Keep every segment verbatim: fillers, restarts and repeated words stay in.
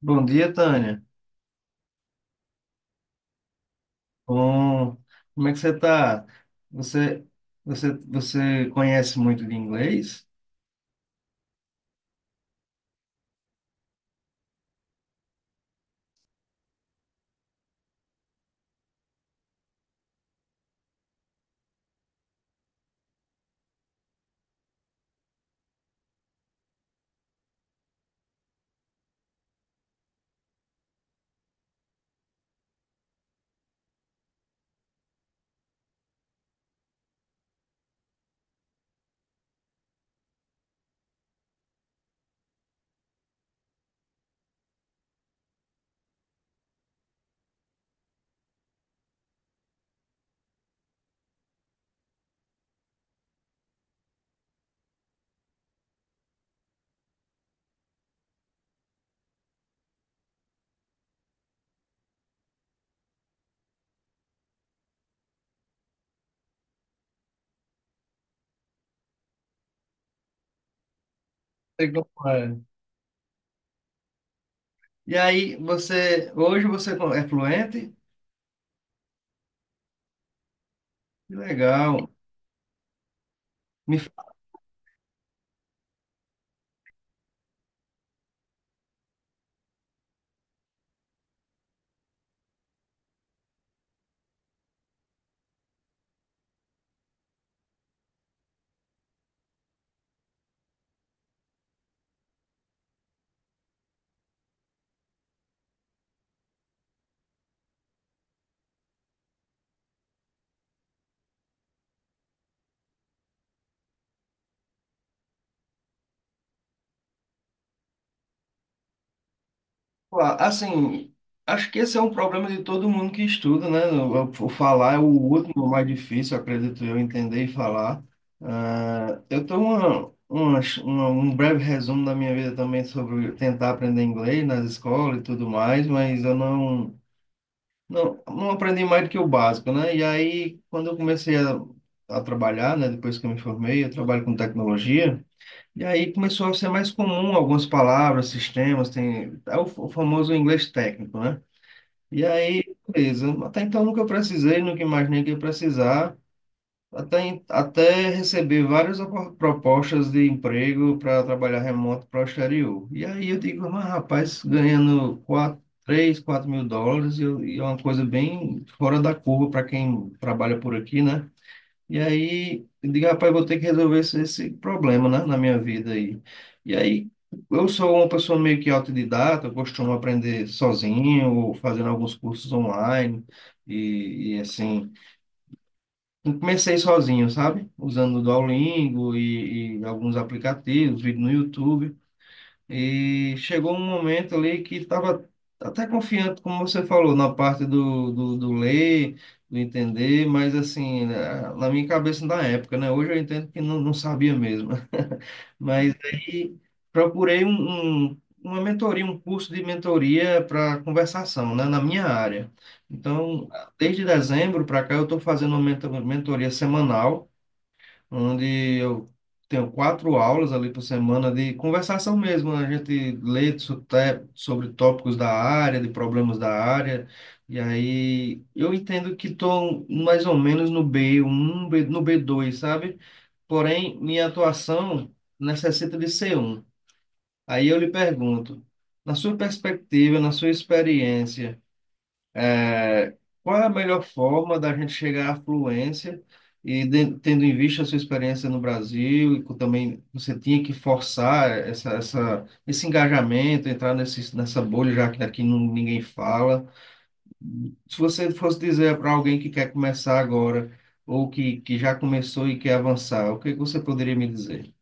Bom dia, Tânia. Bom, como é que você tá? Você, você, você conhece muito de inglês? Sei como é. E aí, você, hoje você é fluente? Que legal. Me Claro, assim, acho que esse é um problema de todo mundo que estuda, né? O o falar é o último mais difícil, acredito eu, entender e falar. Ah, eu tenho uma, uma, uma- um breve resumo da minha vida também sobre tentar aprender inglês nas escolas e tudo mais, mas eu não, não, não aprendi mais do que o básico, né? E aí, quando eu comecei a, a trabalhar, né? Depois que eu me formei, eu trabalho com tecnologia. E aí começou a ser mais comum algumas palavras, sistemas, tem é o f- o famoso inglês técnico, né? E aí, beleza. Até então nunca precisei, nunca imaginei que ia precisar. Até, em- até receber várias opor- propostas de emprego para trabalhar remoto para o exterior. E aí eu digo, mas rapaz, ganhando quatro três quatro mil dólares e eu- e é uma coisa bem fora da curva para quem trabalha por aqui, né? E aí, eu digo, rapaz, vou ter que resolver esse, esse problema, né, na minha vida aí. E aí, eu sou uma pessoa meio que autodidata, eu costumo aprender sozinho, ou fazendo alguns cursos online, e, e assim. Eu comecei sozinho, sabe? Usando o Duolingo e, e alguns aplicativos, vídeo no YouTube. E chegou um momento ali que estava até confiante, como você falou, na parte do, do, do ler, do entender, mas assim, na na minha cabeça na época, né? Hoje eu entendo que não, não sabia mesmo. Mas aí procurei um, um- uma mentoria, um curso de mentoria para conversação, né? Na minha área. Então, desde dezembro para cá, eu estou fazendo uma mento- mentoria semanal onde eu tenho quatro aulas ali por semana de conversação mesmo, né? A gente lê so- te- sobre tópicos da área, de problemas da área, e aí eu entendo que estou mais ou menos no bê um B- no bê dois, sabe? Porém, minha atuação necessita de cê um. Aí eu lhe pergunto, na sua perspectiva, na sua experiência, é, qual é a melhor forma da gente chegar à fluência e de- tendo em vista a sua experiência no Brasil e co- também você tinha que forçar essa, essa, esse engajamento, entrar nesse, nessa bolha já que aqui não, ninguém fala. Se você fosse dizer para alguém que quer começar agora ou que, que já começou e quer avançar, o que que você poderia me dizer?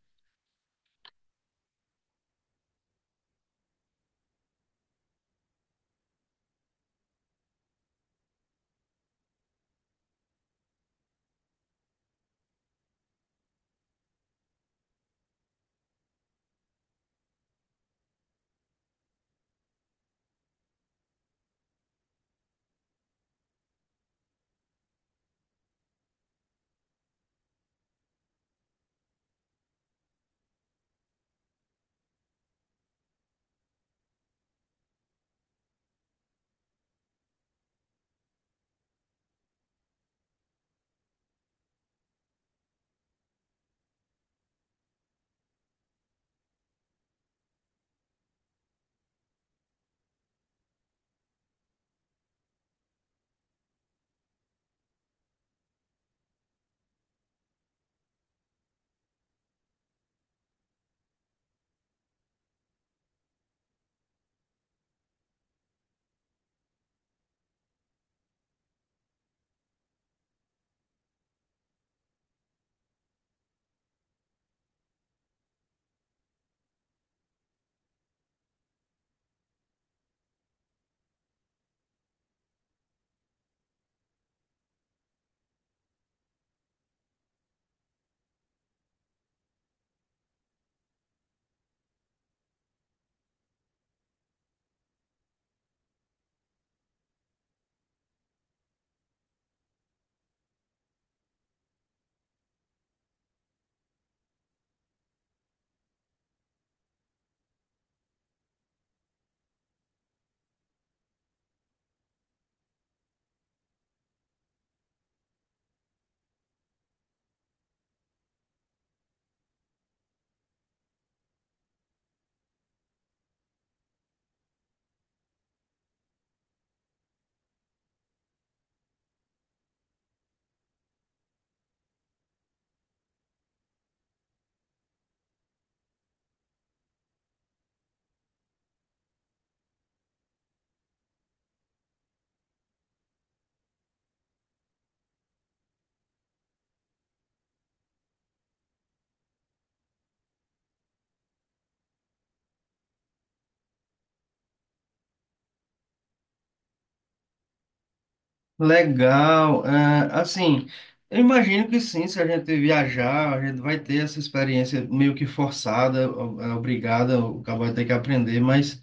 Legal. É, assim, eu imagino que sim, se a gente viajar, a gente vai ter essa experiência meio que forçada, o- é, obrigada, o cara vai ter que aprender, mas.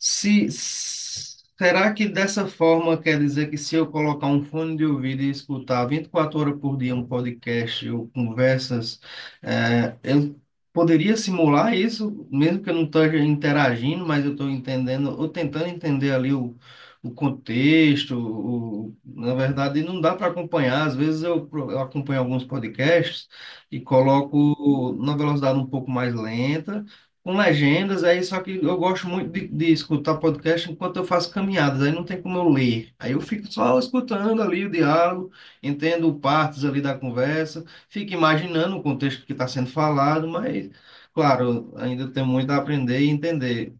Se, Será que dessa forma quer dizer que se eu colocar um fone de ouvido e escutar vinte e quatro horas por dia um podcast ou conversas, eh, eu poderia simular isso, mesmo que eu não esteja interagindo, mas eu estou entendendo, ou tentando entender ali o, o contexto, o, na verdade não dá para acompanhar, às vezes eu, pro- eu acompanho alguns podcasts e coloco na velocidade um pouco mais lenta, com legendas, aí só que eu gosto muito de, de escutar podcast enquanto eu faço caminhadas, aí não tem como eu ler. Aí eu fico só escutando ali o diálogo, entendo partes ali da conversa, fico imaginando o contexto que está sendo falado, mas, claro, ainda tem muito a aprender e entender.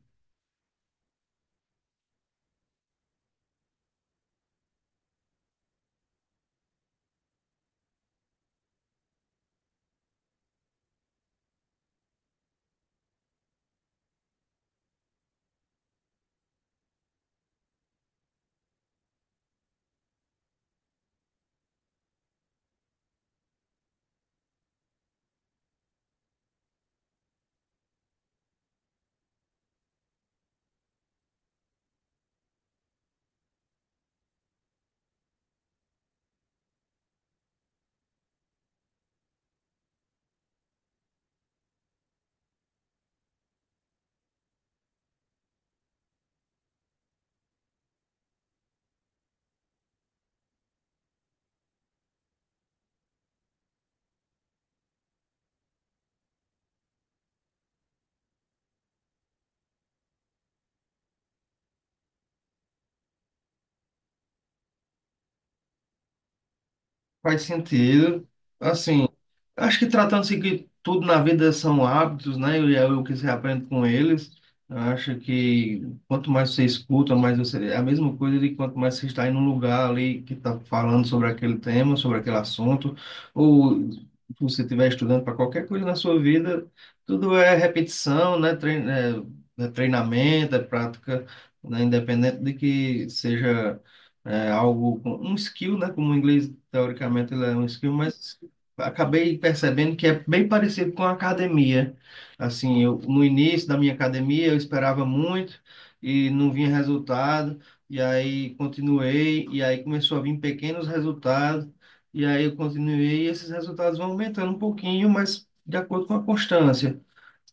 Faz sentido, assim, acho que tratando-se que tudo na vida são hábitos, né? E é o que você aprende com eles. Eu acho que quanto mais você escuta, mais você. É a mesma coisa de quanto mais você está em um lugar ali que está falando sobre aquele tema, sobre aquele assunto, ou se você estiver estudando para qualquer coisa na sua vida, tudo é repetição, né? Trein... É... é treinamento, é prática, né? Independente de que seja. É algo, com- um skill, né? Como o inglês, teoricamente, ele é um skill, mas acabei percebendo que é bem parecido com a academia. Assim, eu, no início da minha academia, eu esperava muito e não vinha resultado, e aí continuei, e aí começou a vir pequenos resultados, e aí eu continuei, e esses resultados vão aumentando um pouquinho, mas de acordo com a constância.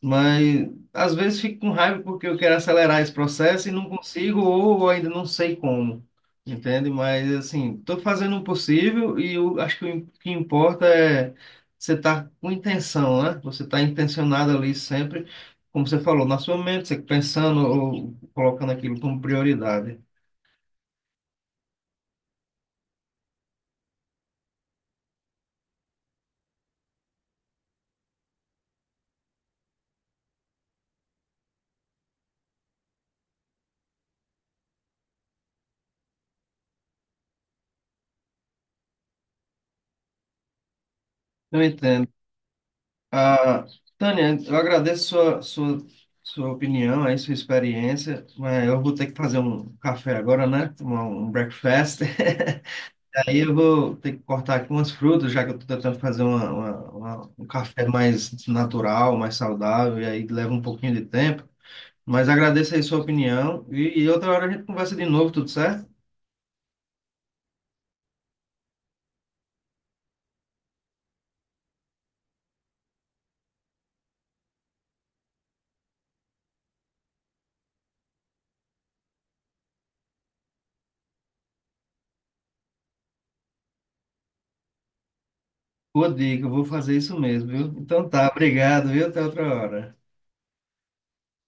Mas às vezes fico com raiva porque eu quero acelerar esse processo e não consigo, ou ainda não sei como, entende? Mas assim, estou fazendo o possível e eu acho que o que importa é você estar com intenção, né? Você estar intencionado ali sempre, como você falou, na sua mente, você pensando ou colocando aquilo como prioridade. Eu entendo. Ah, Tânia, eu agradeço sua, sua, sua opinião aí, sua experiência, mas eu vou ter que fazer um café agora, né? Tomar um breakfast. Aí eu vou ter que cortar aqui umas frutas, já que eu estou tentando fazer uma, uma- uma- um café mais natural, mais saudável, e aí leva um pouquinho de tempo. Mas agradeço aí sua opinião e, e outra hora a gente conversa de novo, tudo certo? Boa dica, eu vou fazer isso mesmo, viu? Então tá, obrigado, viu? Até outra hora.